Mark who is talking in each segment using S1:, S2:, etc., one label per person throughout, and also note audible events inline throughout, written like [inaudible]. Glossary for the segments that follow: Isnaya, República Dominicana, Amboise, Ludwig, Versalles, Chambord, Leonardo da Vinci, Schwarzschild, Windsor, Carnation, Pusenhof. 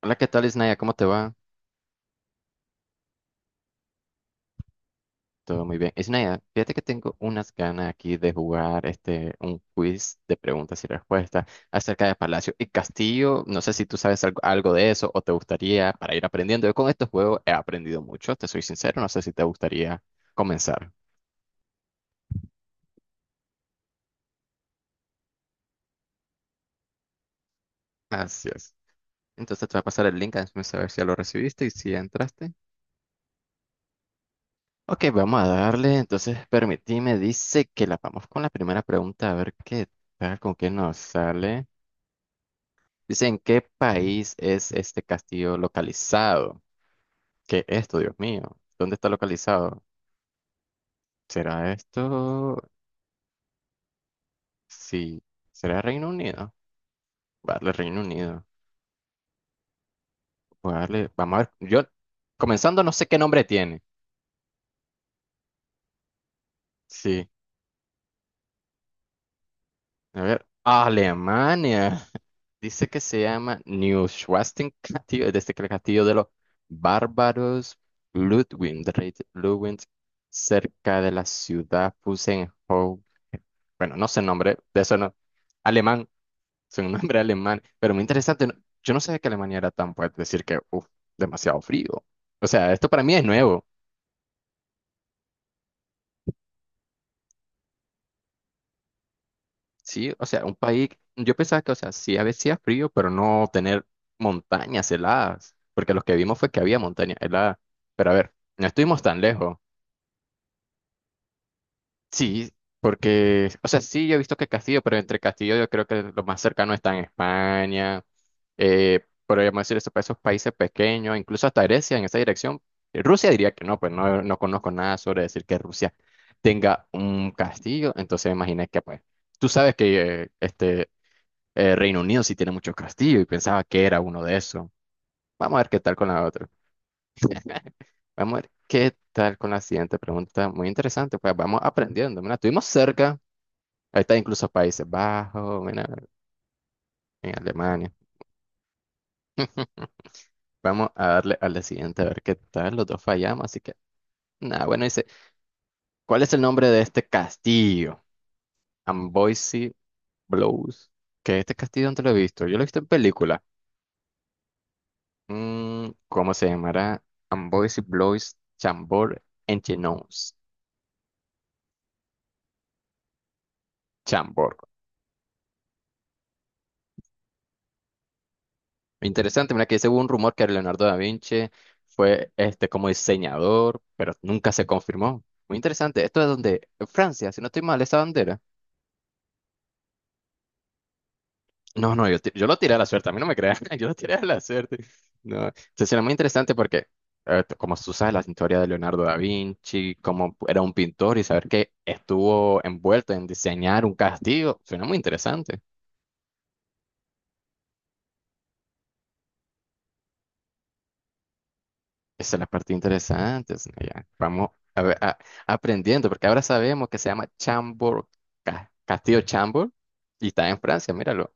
S1: Hola, ¿qué tal, Isnaya? ¿Cómo te va? Todo muy bien. Isnaya, fíjate que tengo unas ganas aquí de jugar un quiz de preguntas y respuestas acerca de Palacio y Castillo. No sé si tú sabes algo de eso o te gustaría para ir aprendiendo. Yo con estos juegos he aprendido mucho, te soy sincero. No sé si te gustaría comenzar. Así es. Entonces te voy a pasar el link, hazme saber si ya lo recibiste y si ya entraste. Ok, vamos a darle. Entonces, permitime, dice que la vamos con la primera pregunta a ver qué tal, con qué nos sale. Dice, ¿en qué país es este castillo localizado? ¿Qué es esto, Dios mío? ¿Dónde está localizado? ¿Será esto? Sí. ¿Será Reino Unido? Voy a darle Reino Unido. Voy a darle- Vamos a ver. Yo, comenzando, no sé qué nombre tiene. Sí. A ver. Alemania. Dice que se llama New Schwarzschild Castillo, desde que el castillo de los bárbaros Ludwig, de rey Ludwig, cerca de la ciudad Pusenhof. Bueno, no sé el nombre, de eso no. Alemán, es un [laughs] nombre alemán, pero muy interesante. No- Yo no sabía que Alemania era tan fuerte, es decir que, demasiado frío. O sea, esto para mí es nuevo. Sí, o sea, un país, yo pensaba que, o sea, sí, a veces hacía frío, pero no tener montañas heladas, porque lo que vimos fue que había montañas heladas. Pero a ver, no estuvimos tan lejos. Sí, porque, o sea, sí, yo he visto que Castillo, pero entre Castillo yo creo que lo más cercano está en España, podríamos decir eso para esos países pequeños, incluso hasta Grecia en esa dirección. Rusia diría que no, pues no, no conozco nada sobre decir que Rusia tenga un castillo, entonces imaginé que pues... Tú sabes que Reino Unido sí tiene muchos castillos y pensaba que era uno de esos. Vamos a ver qué tal con la otra. Vamos a ver qué tal con la siguiente pregunta. Muy interesante, pues vamos aprendiendo. Mira, estuvimos cerca. Ahí está incluso Países Bajos, mira, en Alemania. [laughs] Vamos a darle a la siguiente a ver qué tal. Los dos fallamos, así que nada, bueno, dice, ¿cuál es el nombre de este castillo? Amboise Blows. ¿Qué este castillo dónde lo he visto? Yo lo he visto en películas. ¿Cómo se llamará? Amboise Blois Chambord Engines. Chambord. Interesante, mira que según un rumor que Leonardo da Vinci fue este como diseñador, pero nunca se confirmó. Muy interesante. Esto es donde, en Francia, si no estoy mal, esa bandera. No, no, yo, ti- yo lo tiré a la suerte, a mí no me crean, [laughs] yo lo tiré a la suerte. No, entonces era muy interesante porque, t- como tú sabes, la historia de Leonardo da Vinci, cómo era un pintor y saber que estuvo envuelto en diseñar un castillo, suena muy interesante. Esa es la parte interesante, Snaya. Vamos a ver- a- aprendiendo, porque ahora sabemos que se llama Chambord, Ca- Castillo Chambord, y está en Francia, míralo.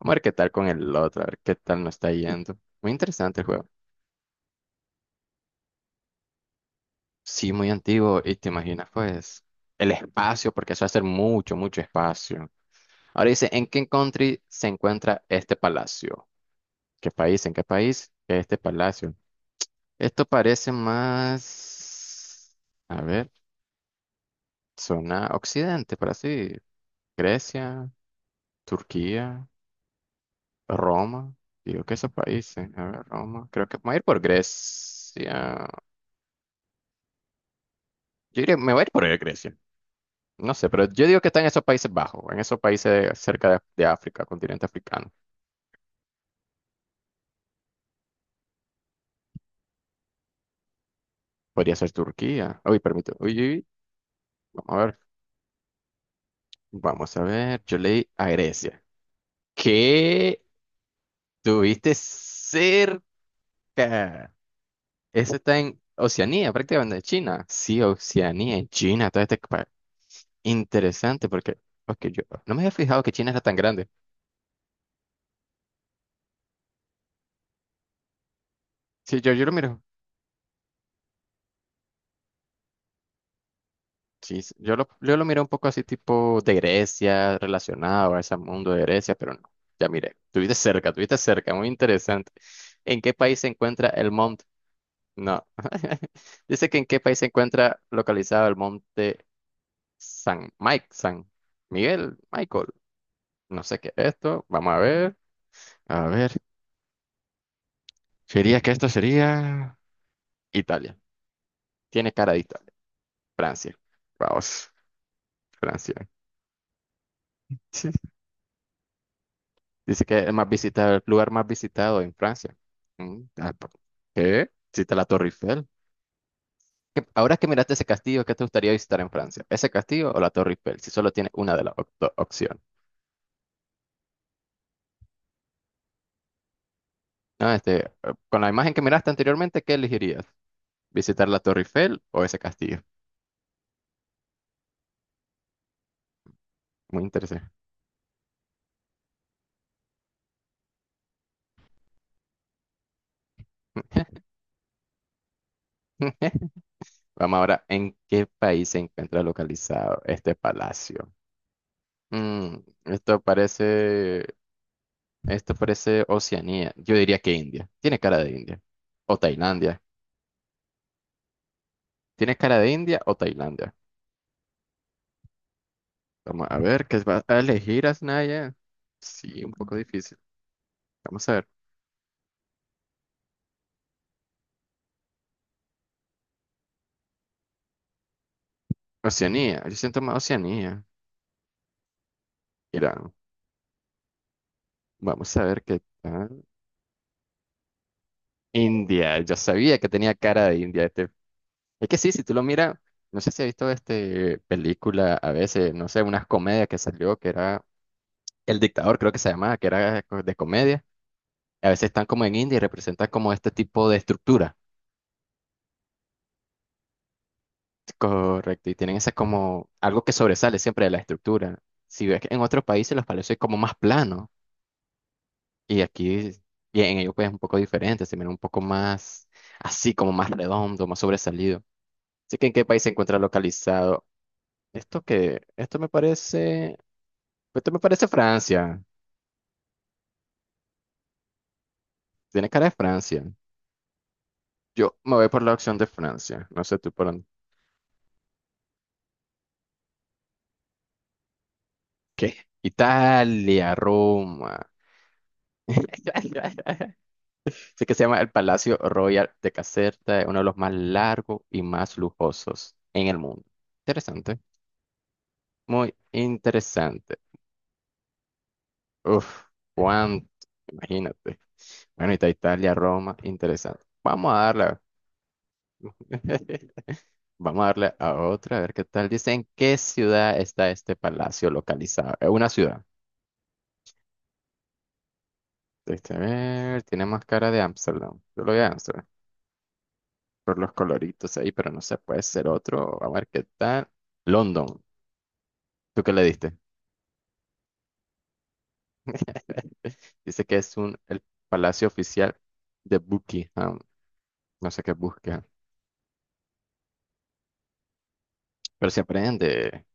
S1: Vamos a ver qué tal con el otro, a ver qué tal nos está yendo. Muy interesante el juego. Sí, muy antiguo, y te imaginas, pues, el espacio, porque eso va a ser mucho espacio. Ahora dice, ¿en qué country se encuentra este palacio? ¿Qué país? ¿En qué país? Este palacio. Esto parece más... A ver. Zona Occidente para sí. Grecia, Turquía, Roma. Digo que esos países. A ver, Roma. Creo que me voy a ir por Grecia. Yo diría, me voy a ir por Grecia. No sé, pero yo digo que está en esos Países Bajos, en esos países cerca de África, continente africano. Podría ser Turquía. Uy, permíteme. Uy, vamos a ver. Vamos a ver. Yo leí a Grecia. ¿Qué tuviste cerca? Eso está en Oceanía, prácticamente en China. Sí, Oceanía, en China, todo este país. Interesante, porque yo no me había fijado que China era tan grande. Sí, yo lo miro. Sí, sí, yo lo miro un poco así tipo de Grecia, relacionado a ese mundo de Grecia, pero no. Ya miré, tuviste cerca, muy interesante. ¿En qué país se encuentra el monte? No. [laughs] Dice que en qué país se encuentra localizado el monte San Mike, San Miguel, Michael. No sé qué es esto. Vamos a ver. A ver. Sería que esto sería Italia. Tiene cara de Italia. Francia. Vamos, Francia. Sí. Dice que es más visitado, el lugar más visitado en Francia. Pa- ¿Qué? Visita la Torre Eiffel. ¿Qué- Ahora que miraste ese castillo, ¿qué te gustaría visitar en Francia? ¿Ese castillo o la Torre Eiffel? Si solo tienes una de las op- do- opciones. No, con la imagen que miraste anteriormente, ¿qué elegirías? ¿Visitar la Torre Eiffel o ese castillo? Muy interesante. [laughs] Vamos ahora, ¿en qué país se encuentra localizado este palacio? Mm, esto parece esto parece Oceanía. Yo diría que India. Tiene cara de India. O Tailandia. Tiene cara de India o Tailandia. Vamos a ver, ¿qué va a elegir Asnaya? Sí, un poco difícil. Vamos a ver. Oceanía. Yo siento más Oceanía. Irán. Vamos a ver qué tal. India. Yo sabía que tenía cara de India. Este. Es que sí, si tú lo miras, no sé si has visto este película a veces, no sé, unas comedias que salió que era El Dictador, creo que se llamaba, que era de comedia. A veces están como en India y representan como este tipo de estructura. Correcto, y tienen ese como algo que sobresale siempre de la estructura. Si ves que en otros países los palacios es como más plano y aquí y en ellos pues es un poco diferente, se mira un poco más así, como más redondo, más sobresalido. Así que ¿en qué país se encuentra localizado? Esto que, esto me parece, esto me parece Francia. Tiene cara de Francia. Yo me voy por la opción de Francia. No sé tú por dónde. ¿Qué? Italia, Roma. [laughs] Sé que se llama el Palacio Royal de Caserta, es uno de los más largos y más lujosos en el mundo. Interesante, muy interesante. Uf, cuánto, imagínate. Bueno, y está Italia, Roma, interesante. Vamos a darle, [laughs] vamos a darle a otra, a ver qué tal. Dice, ¿en qué ciudad está este palacio localizado? Es una ciudad. Este, a ver, tiene más cara de Ámsterdam. Yo lo voy a Ámsterdam por los coloritos ahí, pero no sé, puede ser otro. A ver qué tal. London, ¿tú qué le diste? [laughs] Dice que es un, el palacio oficial de Buckingham. No sé qué busca, pero se aprende,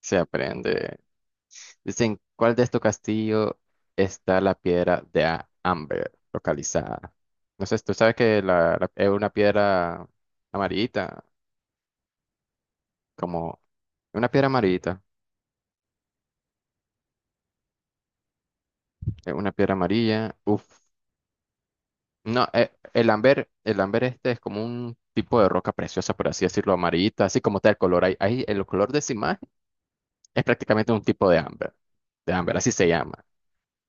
S1: se aprende. Dicen, ¿cuál de estos castillos está la piedra de A- Amber localizada? No sé, tú sabes que es una piedra amarillita, como una piedra amarillita, es una piedra amarilla. No, el Amber este es como un tipo de roca preciosa, por así decirlo, amarillita, así como está el color. Ahí el color de esa imagen. Es prácticamente un tipo de ámbar. De ámbar, así se llama.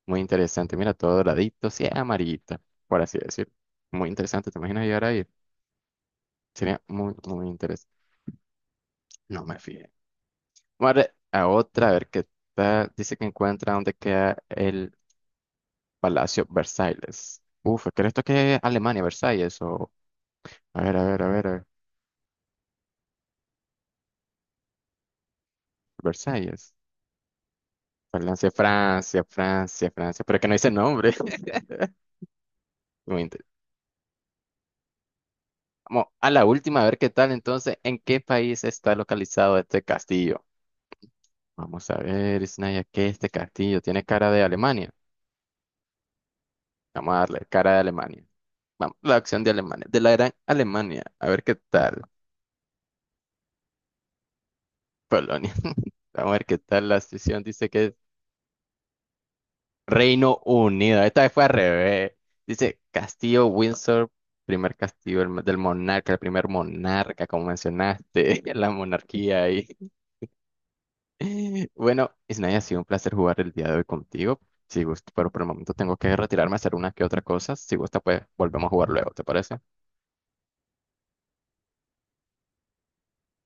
S1: Muy interesante. Mira, todo doradito, sí, amarillita, por así decir. Muy interesante. ¿Te imaginas llegar ahí? Sería muy, muy interesante. No me fijé. Vamos a otra, a ver qué tal. Dice que encuentra dónde queda el Palacio Versalles. Uf, ¿crees esto que es Alemania, Versalles? O, a ver, a ver, a ver, a ver. Versalles. Francia, Francia, Francia, Francia. Pero que no dice nombre. [laughs] Muy interesante. Vamos a la última, a ver qué tal. Entonces, ¿en qué país está localizado este castillo? Vamos a ver, Isnaya, ¿qué este castillo? ¿Tiene cara de Alemania? Vamos a darle cara de Alemania. Vamos, la opción de Alemania, de la gran Alemania. A ver qué tal, Polonia. [laughs] Vamos a ver qué tal la decisión. Dice que es Reino Unido. Esta vez fue al revés. Dice Castillo Windsor, primer castillo del monarca, el primer monarca, como mencionaste, [laughs] la monarquía ahí. [laughs] Bueno, Isnaya, ha sido un placer jugar el día de hoy contigo. Si gusta, pero por el momento tengo que retirarme a hacer una que otra cosa. Si gusta, pues volvemos a jugar luego, ¿te parece?